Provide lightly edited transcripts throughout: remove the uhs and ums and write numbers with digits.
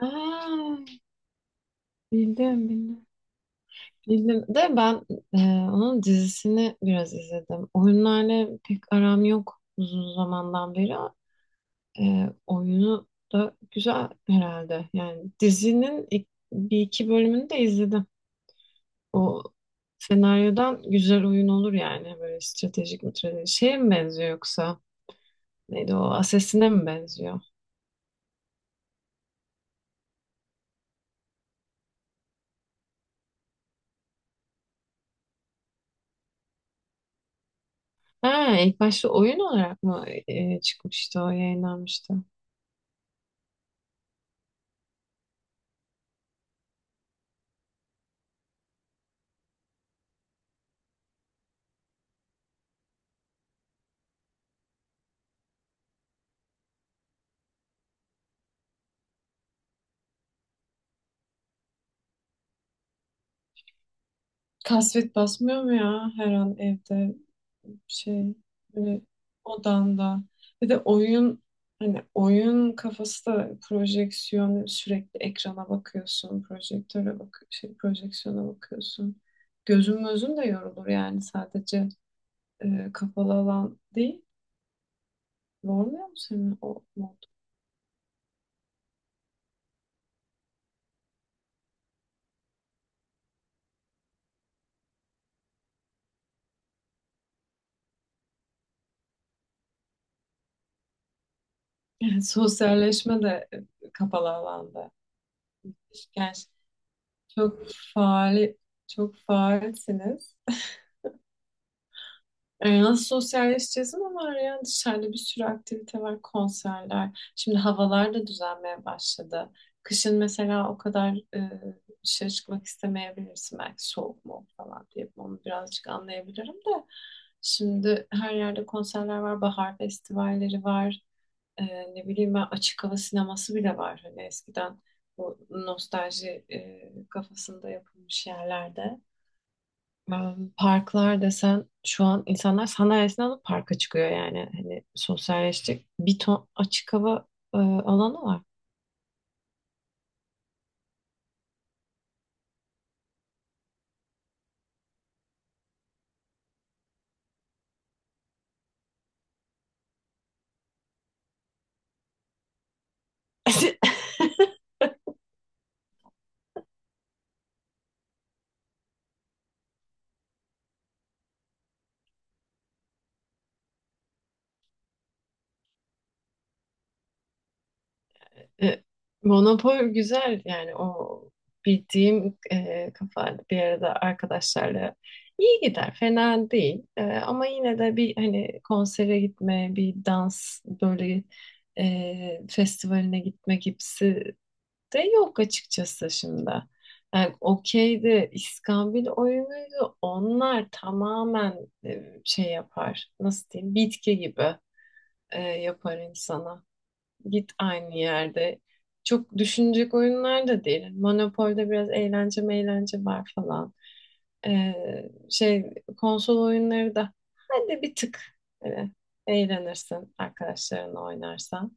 Aa, bildim bildim. Bildim de ben e, onun dizisini biraz izledim. Oyunlarla pek aram yok uzun zamandan beri. Oyunu da güzel herhalde. Yani dizinin bir iki bölümünü de izledim. O senaryodan güzel oyun olur yani. Böyle stratejik mi stratejik. Şeye mi benziyor yoksa? Neydi o? Assassin'e mi benziyor? Ha, ilk başta oyun olarak mı çıkmıştı o yayınlanmıştı? Kasvet basmıyor mu ya her an evde şey böyle odanda? Bir de oyun hani oyun kafası da projeksiyon sürekli ekrana bakıyorsun, projektöre bak şey projeksiyona bakıyorsun. Gözün gözün de yorulur yani sadece kapalı alan değil. Yormuyor mu senin o mod? Yani sosyalleşme de kapalı alanda. Yani çok faal çok faalsiniz. Nasıl sosyalleşeceğiz ama var ya dışarıda bir sürü aktivite var, konserler. Şimdi havalar da düzelmeye başladı. Kışın mesela o kadar dışarı çıkmak istemeyebilirsin. Belki soğuk mu falan diye onu birazcık anlayabilirim de. Şimdi her yerde konserler var, bahar festivalleri var. E, Ne bileyim ben açık hava sineması bile var. Hani eskiden bu nostalji kafasında yapılmış yerlerde. Ben parklar desen şu an insanlar sandalyesini alıp parka çıkıyor yani. Hani sosyalleşecek bir ton açık hava alanı var. E, Monopol güzel yani o bildiğim kafa bir arada arkadaşlarla iyi gider fena değil. Ama yine de bir hani konsere gitme bir dans böyle festivaline gitme gibisi de yok açıkçası şimdi. Yani okeydi, iskambil oyunuydu. Onlar tamamen şey yapar. Nasıl diyeyim? Bitki gibi yapar insana. Git aynı yerde. Çok düşünecek oyunlar da değil. Monopol'de biraz eğlence meğlence var falan. E, Şey konsol oyunları da hadi bir tık e, eğlenirsin arkadaşlarınla oynarsan.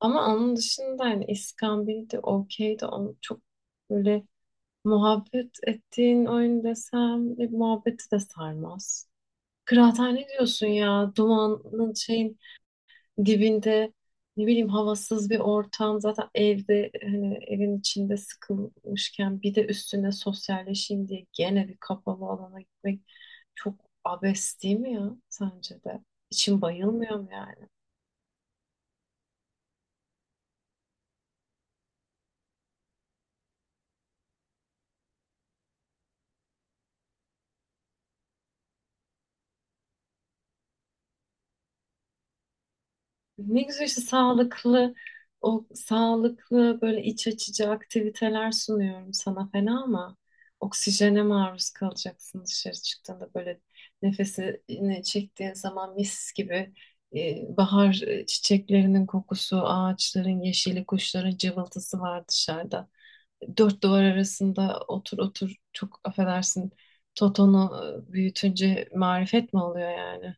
Ama onun dışında hani İskambil'di, okeydi. Onu çok böyle muhabbet ettiğin oyun desem muhabbeti de sarmaz. Kıraathane diyorsun ya dumanın şeyin dibinde ne bileyim havasız bir ortam, zaten evde hani evin içinde sıkılmışken bir de üstüne sosyalleşeyim diye gene bir kapalı alana gitmek çok abes değil mi ya, sence de? İçin bayılmıyor mu yani? Ne güzel işte sağlıklı, o sağlıklı böyle iç açıcı aktiviteler sunuyorum sana fena ama oksijene maruz kalacaksın dışarı çıktığında. Böyle nefesini çektiğin zaman mis gibi bahar çiçeklerinin kokusu, ağaçların yeşili, kuşların cıvıltısı var dışarıda. Dört duvar arasında otur otur çok affedersin Toton'u büyütünce marifet mi oluyor yani?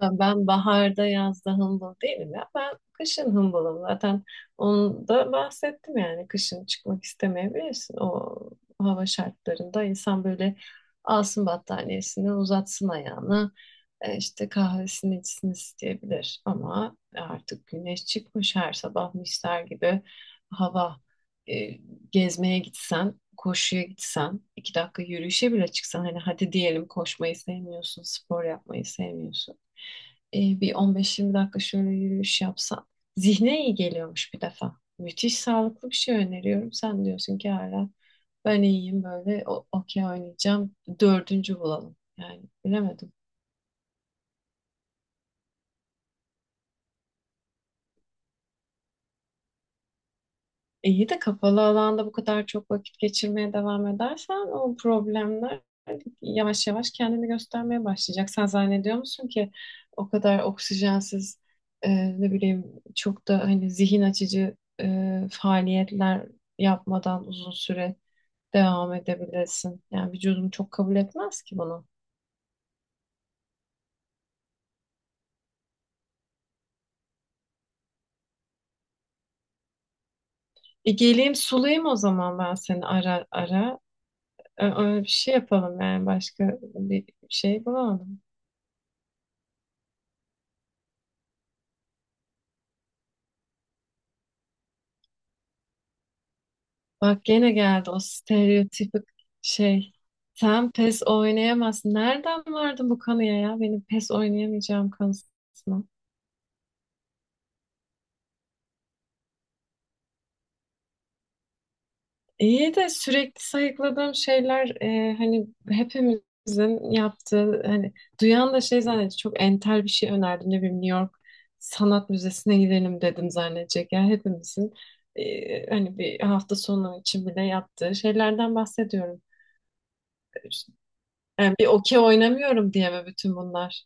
Ben ben baharda yazda hımbıl değilim ya. Ben kışın hımbılım. Zaten onu da bahsettim yani. Kışın çıkmak istemeyebilirsin. O hava şartlarında insan böyle alsın battaniyesini, uzatsın ayağını. İşte kahvesini içsin isteyebilir. Ama artık güneş çıkmış her sabah misler gibi hava. E, Gezmeye gitsen, koşuya gitsen, iki dakika yürüyüşe bile çıksan. Hani hadi diyelim koşmayı sevmiyorsun, spor yapmayı sevmiyorsun. Bir 15-20 dakika şöyle yürüyüş yapsan. Zihne iyi geliyormuş bir defa. Müthiş sağlıklı bir şey öneriyorum. Sen diyorsun ki hala ben iyiyim böyle okey oynayacağım. Dördüncü bulalım. Yani bilemedim. İyi de kapalı alanda bu kadar çok vakit geçirmeye devam edersen o problemler yavaş yavaş kendini göstermeye başlayacak. Sen zannediyor musun ki o kadar oksijensiz ne bileyim çok da hani zihin açıcı faaliyetler yapmadan uzun süre devam edebilirsin? Yani vücudum çok kabul etmez ki bunu. Geleyim sulayım o zaman ben seni ara ara. Öyle bir şey yapalım yani, başka bir şey bulamadım. Bak gene geldi o stereotipik şey. Sen PES oynayamazsın. Nereden vardı bu kanıya ya? Benim PES oynayamayacağım kanısına. İyi de sürekli sayıkladığım şeyler hani hepimizin yaptığı, hani duyan da şey zannetti. Çok entel bir şey önerdim. Ne bileyim New York Sanat Müzesi'ne gidelim dedim zannedecek. Yani hepimizin hani bir hafta sonu için bile yaptığı şeylerden bahsediyorum. Yani bir okey oynamıyorum diye mi bütün bunlar?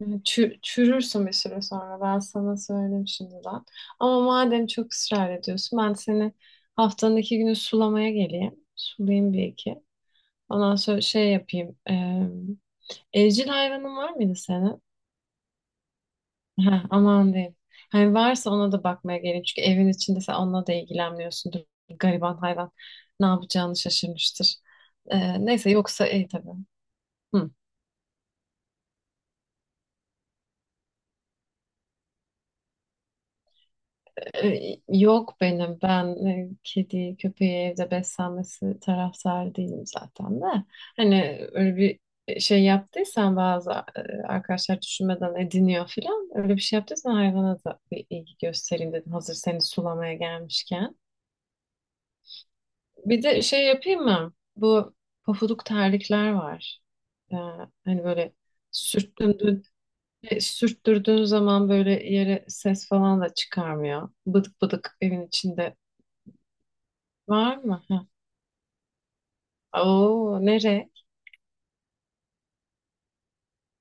Hani çürürsün bir süre sonra, ben sana söyleyeyim şimdiden. Ama madem çok ısrar ediyorsun ben seni haftanın iki günü sulamaya geleyim. Sulayayım bir iki. Ondan sonra şey yapayım. Evcil hayvanın var mıydı senin? Ha, aman diyeyim. Hani varsa ona da bakmaya geleyim. Çünkü evin içinde sen onunla da ilgilenmiyorsundur. Gariban hayvan ne yapacağını şaşırmıştır. Neyse, yoksa iyi tabii. Hı. Yok benim. Ben kedi, köpeği evde beslenmesi taraftarı değilim zaten de. Hani öyle bir şey yaptıysan bazı arkadaşlar düşünmeden ediniyor filan. Öyle bir şey yaptıysan hayvana da bir ilgi göstereyim dedim, hazır seni sulamaya gelmişken. Bir de şey yapayım mı? Bu pofuduk terlikler var. Ee, hani böyle sürttürdüğün, sürttürdüğün zaman böyle yere ses falan da çıkarmıyor. Bıdık bıdık evin içinde. Var mı? Ha. Oo, nere?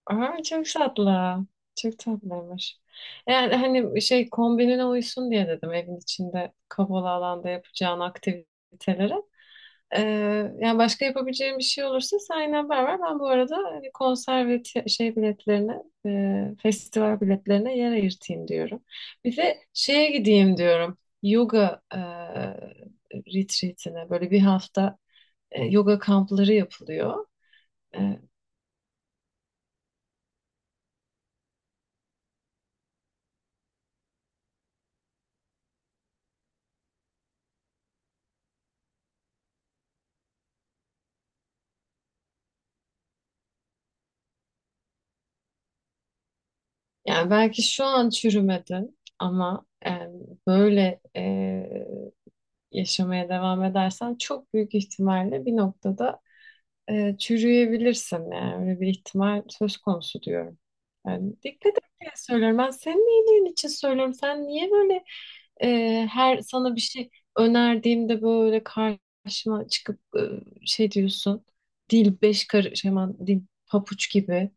Aa, çok tatlı. Çok tatlıymış. Yani hani şey kombinine uysun diye dedim evin içinde kapalı alanda yapacağın aktivitelere. Ee, yani başka yapabileceğim bir şey olursa sen yine haber ver. Ben bu arada hani konser ve biletlerine, festival biletlerine yer ayırtayım diyorum. Bir de şeye gideyim diyorum. Yoga retreatine, böyle bir hafta yoga kampları yapılıyor. E, Yani belki şu an çürümedi ama böyle yaşamaya devam edersen çok büyük ihtimalle bir noktada çürüyebilirsin. Yani öyle bir ihtimal söz konusu diyorum. Yani dikkat et diye söylüyorum. Ben senin iyiliğin için söylüyorum. Sen niye böyle her sana bir şey önerdiğimde böyle karşıma çıkıp şey diyorsun? Dil beş karış, hemen dil papuç gibi.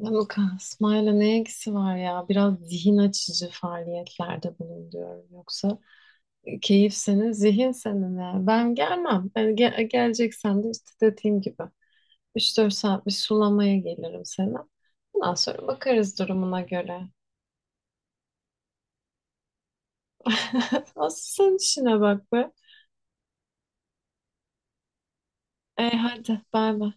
Luka, İsmail'e ne ilgisi var ya? Biraz zihin açıcı faaliyetlerde bulun diyorum. Yoksa keyif senin, zihin senin ya. Ben gelmem. Ben geleceksem de işte dediğim gibi üç dört saat bir sulamaya gelirim sana. Ondan sonra bakarız durumuna göre. Asıl sen işine bak be. Hadi bay bay.